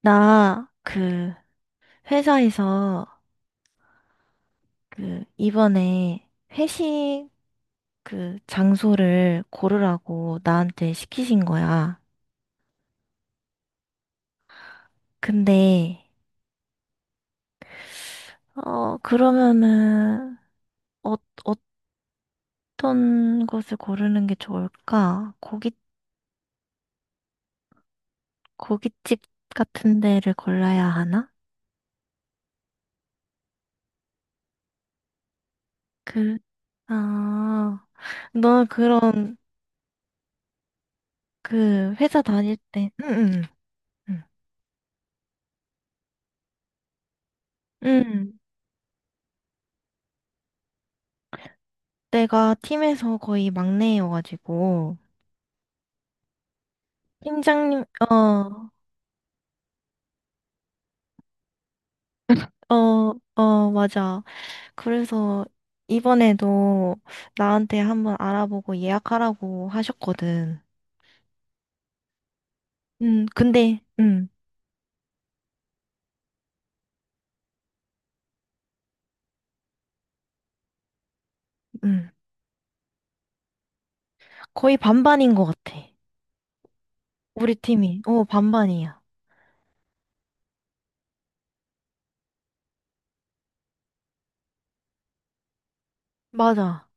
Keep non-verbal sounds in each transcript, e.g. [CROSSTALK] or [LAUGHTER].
나, 회사에서, 이번에 회식, 장소를 고르라고 나한테 시키신 거야. 근데, 그러면은, 어, 어떤 것을 고르는 게 좋을까? 고깃집 같은 데를 골라야 하나? 그, 아, 너 그런, 회사 다닐 때, 응, 응, 응. 응, 응. 내가 팀에서 거의 막내여가지고, 팀장님, 어, 어, 맞아. 그래서 이번에도 나한테 한번 알아보고 예약하라고 하셨거든. 근데, 음, 거의 반반인 것 같아. 우리 팀이. 반반이야. 맞아.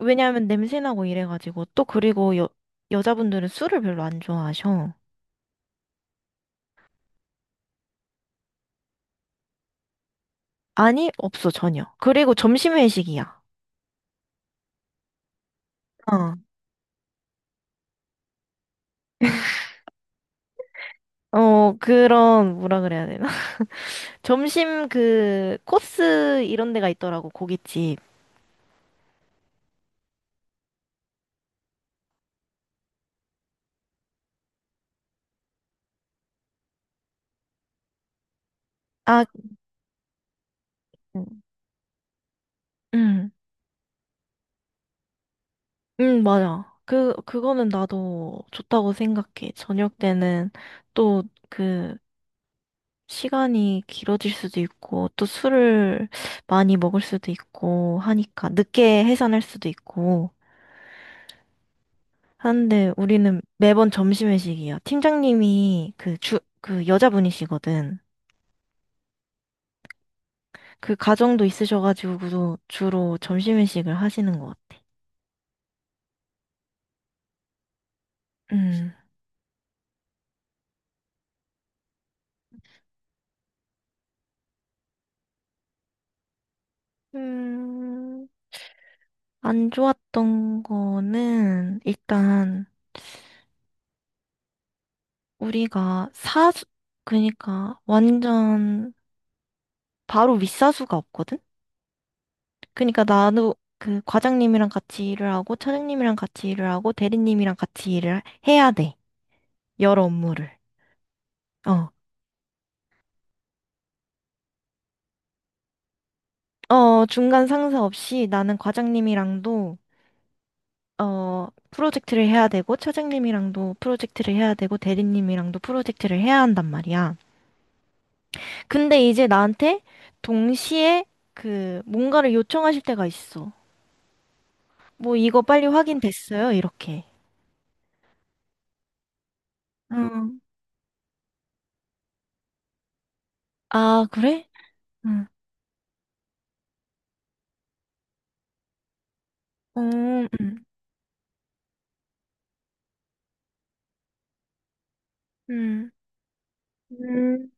왜냐하면 냄새나고 이래가지고. 또 그리고 여자분들은 술을 별로 안 좋아하셔. 아니, 없어, 전혀. 그리고 점심 회식이야. 어, 그런, 뭐라 그래야 되나? 점심 그 코스 이런 데가 있더라고 고깃집. 아, 음. 응, 응, 맞아. 그거는 나도 좋다고 생각해. 저녁 때는 또 그 시간이 길어질 수도 있고, 또 술을 많이 먹을 수도 있고 하니까, 늦게 해산할 수도 있고 하는데 우리는 매번 점심 회식이야. 팀장님이 그 여자분이시거든. 그 가정도 있으셔가지고 주로 점심 회식을 하시는 것 같아. 음. 음, 안 좋았던 거는 일단 우리가 사수, 그러니까 완전 바로 윗사수가 없거든? 그러니까 나도 그 과장님이랑 같이 일을 하고 차장님이랑 같이 일을 하고 대리님이랑 같이 일을 해야 돼. 여러 업무를. 어. 중간 상사 없이 나는 과장님이랑도 프로젝트를 해야 되고 차장님이랑도 프로젝트를 해야 되고 대리님이랑도 프로젝트를 해야 한단 말이야. 근데 이제 나한테 동시에 그 뭔가를 요청하실 때가 있어. 뭐 이거 빨리 확인됐어요? 이렇게. 응, 아, 그래? 응, 어, 음, 음, 음,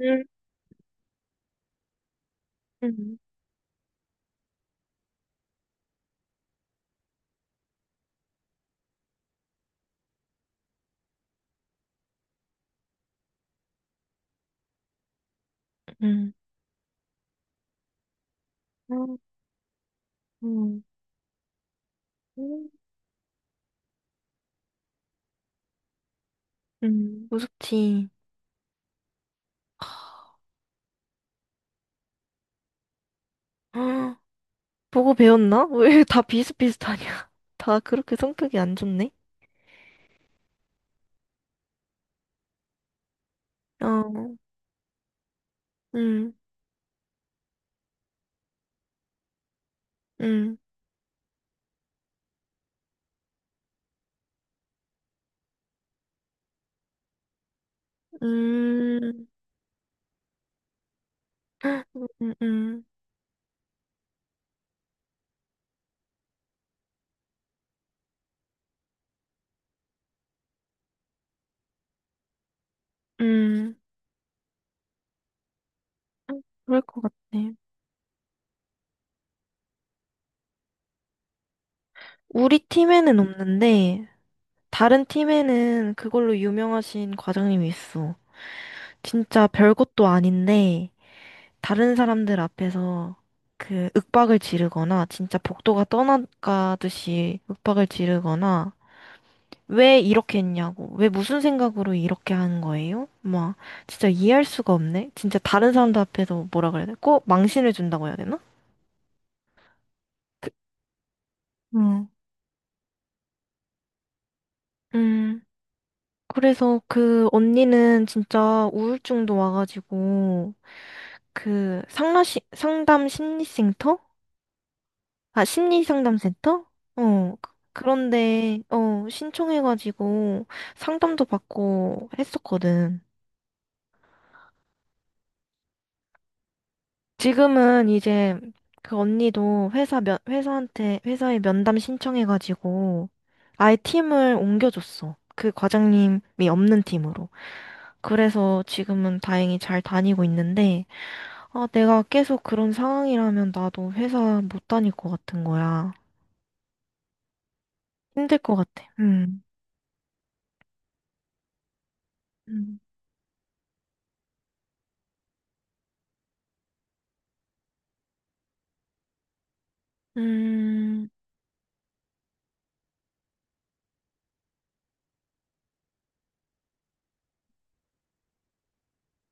음, 음, 음, 음, 음. 음. 무섭지. 헉, 보고 배웠나? [LAUGHS] 왜 다 비슷비슷하냐? [LAUGHS] 다 그렇게 성격이 안 좋네? 어, 음, 음, 음, 음, 음, 음, 음. 그럴 것 같아. 우리 팀에는 없는데, 다른 팀에는 그걸로 유명하신 과장님이 있어. 진짜 별것도 아닌데, 다른 사람들 앞에서 그 윽박을 지르거나, 진짜 복도가 떠나가듯이 윽박을 지르거나, 왜 이렇게 했냐고, 왜 무슨 생각으로 이렇게 하는 거예요? 막, 진짜 이해할 수가 없네? 진짜 다른 사람들 앞에서 뭐라 그래야 돼? 꼭 망신을 준다고 해야 되나? 응. 음, 음, 그래서 그 언니는 진짜 우울증도 와가지고 그 상담 심리센터? 아, 심리상담센터? 그런데 신청해가지고 상담도 받고 했었거든. 지금은 이제 그 언니도 회사에 면담 신청해가지고 아예 팀을 옮겨줬어. 그 과장님이 없는 팀으로. 그래서 지금은 다행히 잘 다니고 있는데, 아, 내가 계속 그런 상황이라면 나도 회사 못 다닐 것 같은 거야. 힘들 것 같아. 음. 음. 음.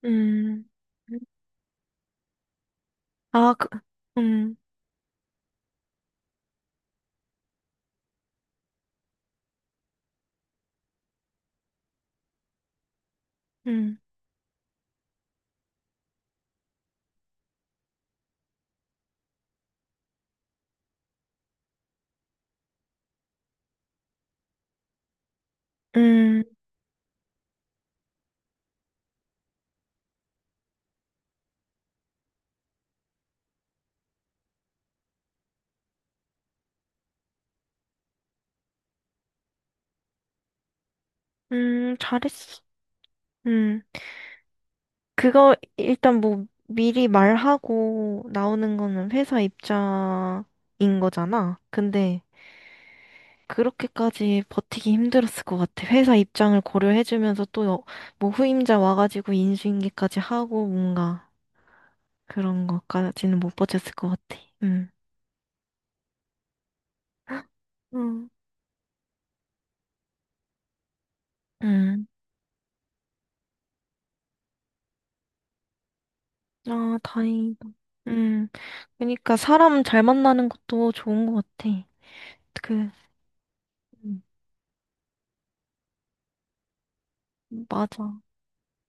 음. 아, 음. 음. 음. 음. 잘했어. 음. 그거 일단 뭐 미리 말하고 나오는 거는 회사 입장인 거잖아. 근데 그렇게까지 버티기 힘들었을 것 같아. 회사 입장을 고려해주면서 또 뭐 후임자 와가지고 인수인계까지 하고 뭔가 그런 것까지는 못 버텼을 것 같아. 음. 응. 음. 아, 다행이다. 음. 그러니까 사람 잘 만나는 것도 좋은 것 같아. 그, 음, 맞아.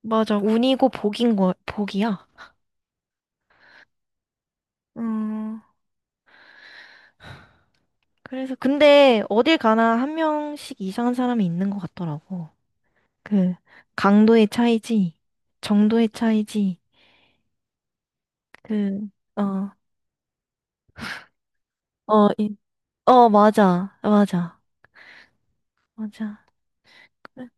맞아. 운이고 복인 거, 복이야. 음, 그래서, 근데 어딜 가나 한 명씩 이상한 사람이 있는 것 같더라고. 그, 강도의 차이지, 정도의 차이지, 그, 어, 어, 이, 맞아, 맞아, 맞아, 그래,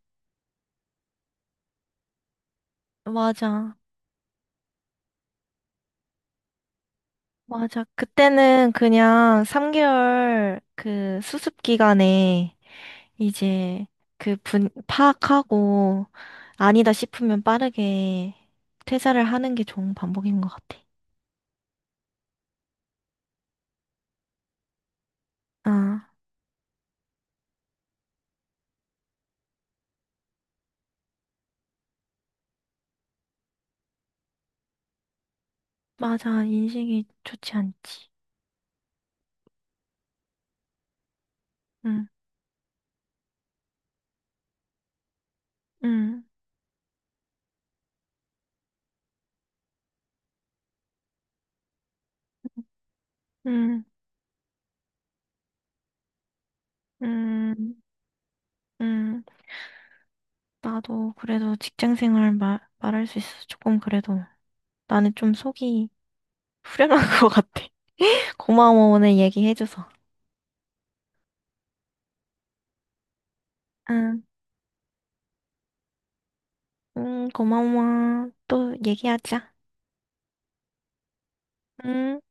맞아, 맞아. 그때는 그냥 3개월 그 수습 기간에 이제 그 분, 파악하고 아니다 싶으면 빠르게 퇴사를 하는 게 좋은 방법인 것 같아. 어. 맞아, 인식이 좋지 않지. 응, 응, 응, 응, 응. 나도 그래도 직장 생활 말할 수 있어서 조금 그래도 나는 좀 속이 후련한 [LAUGHS] 것 같아. 고마워, 오늘 얘기해줘서. 응, 응, 고마워. 또 얘기하자. 응.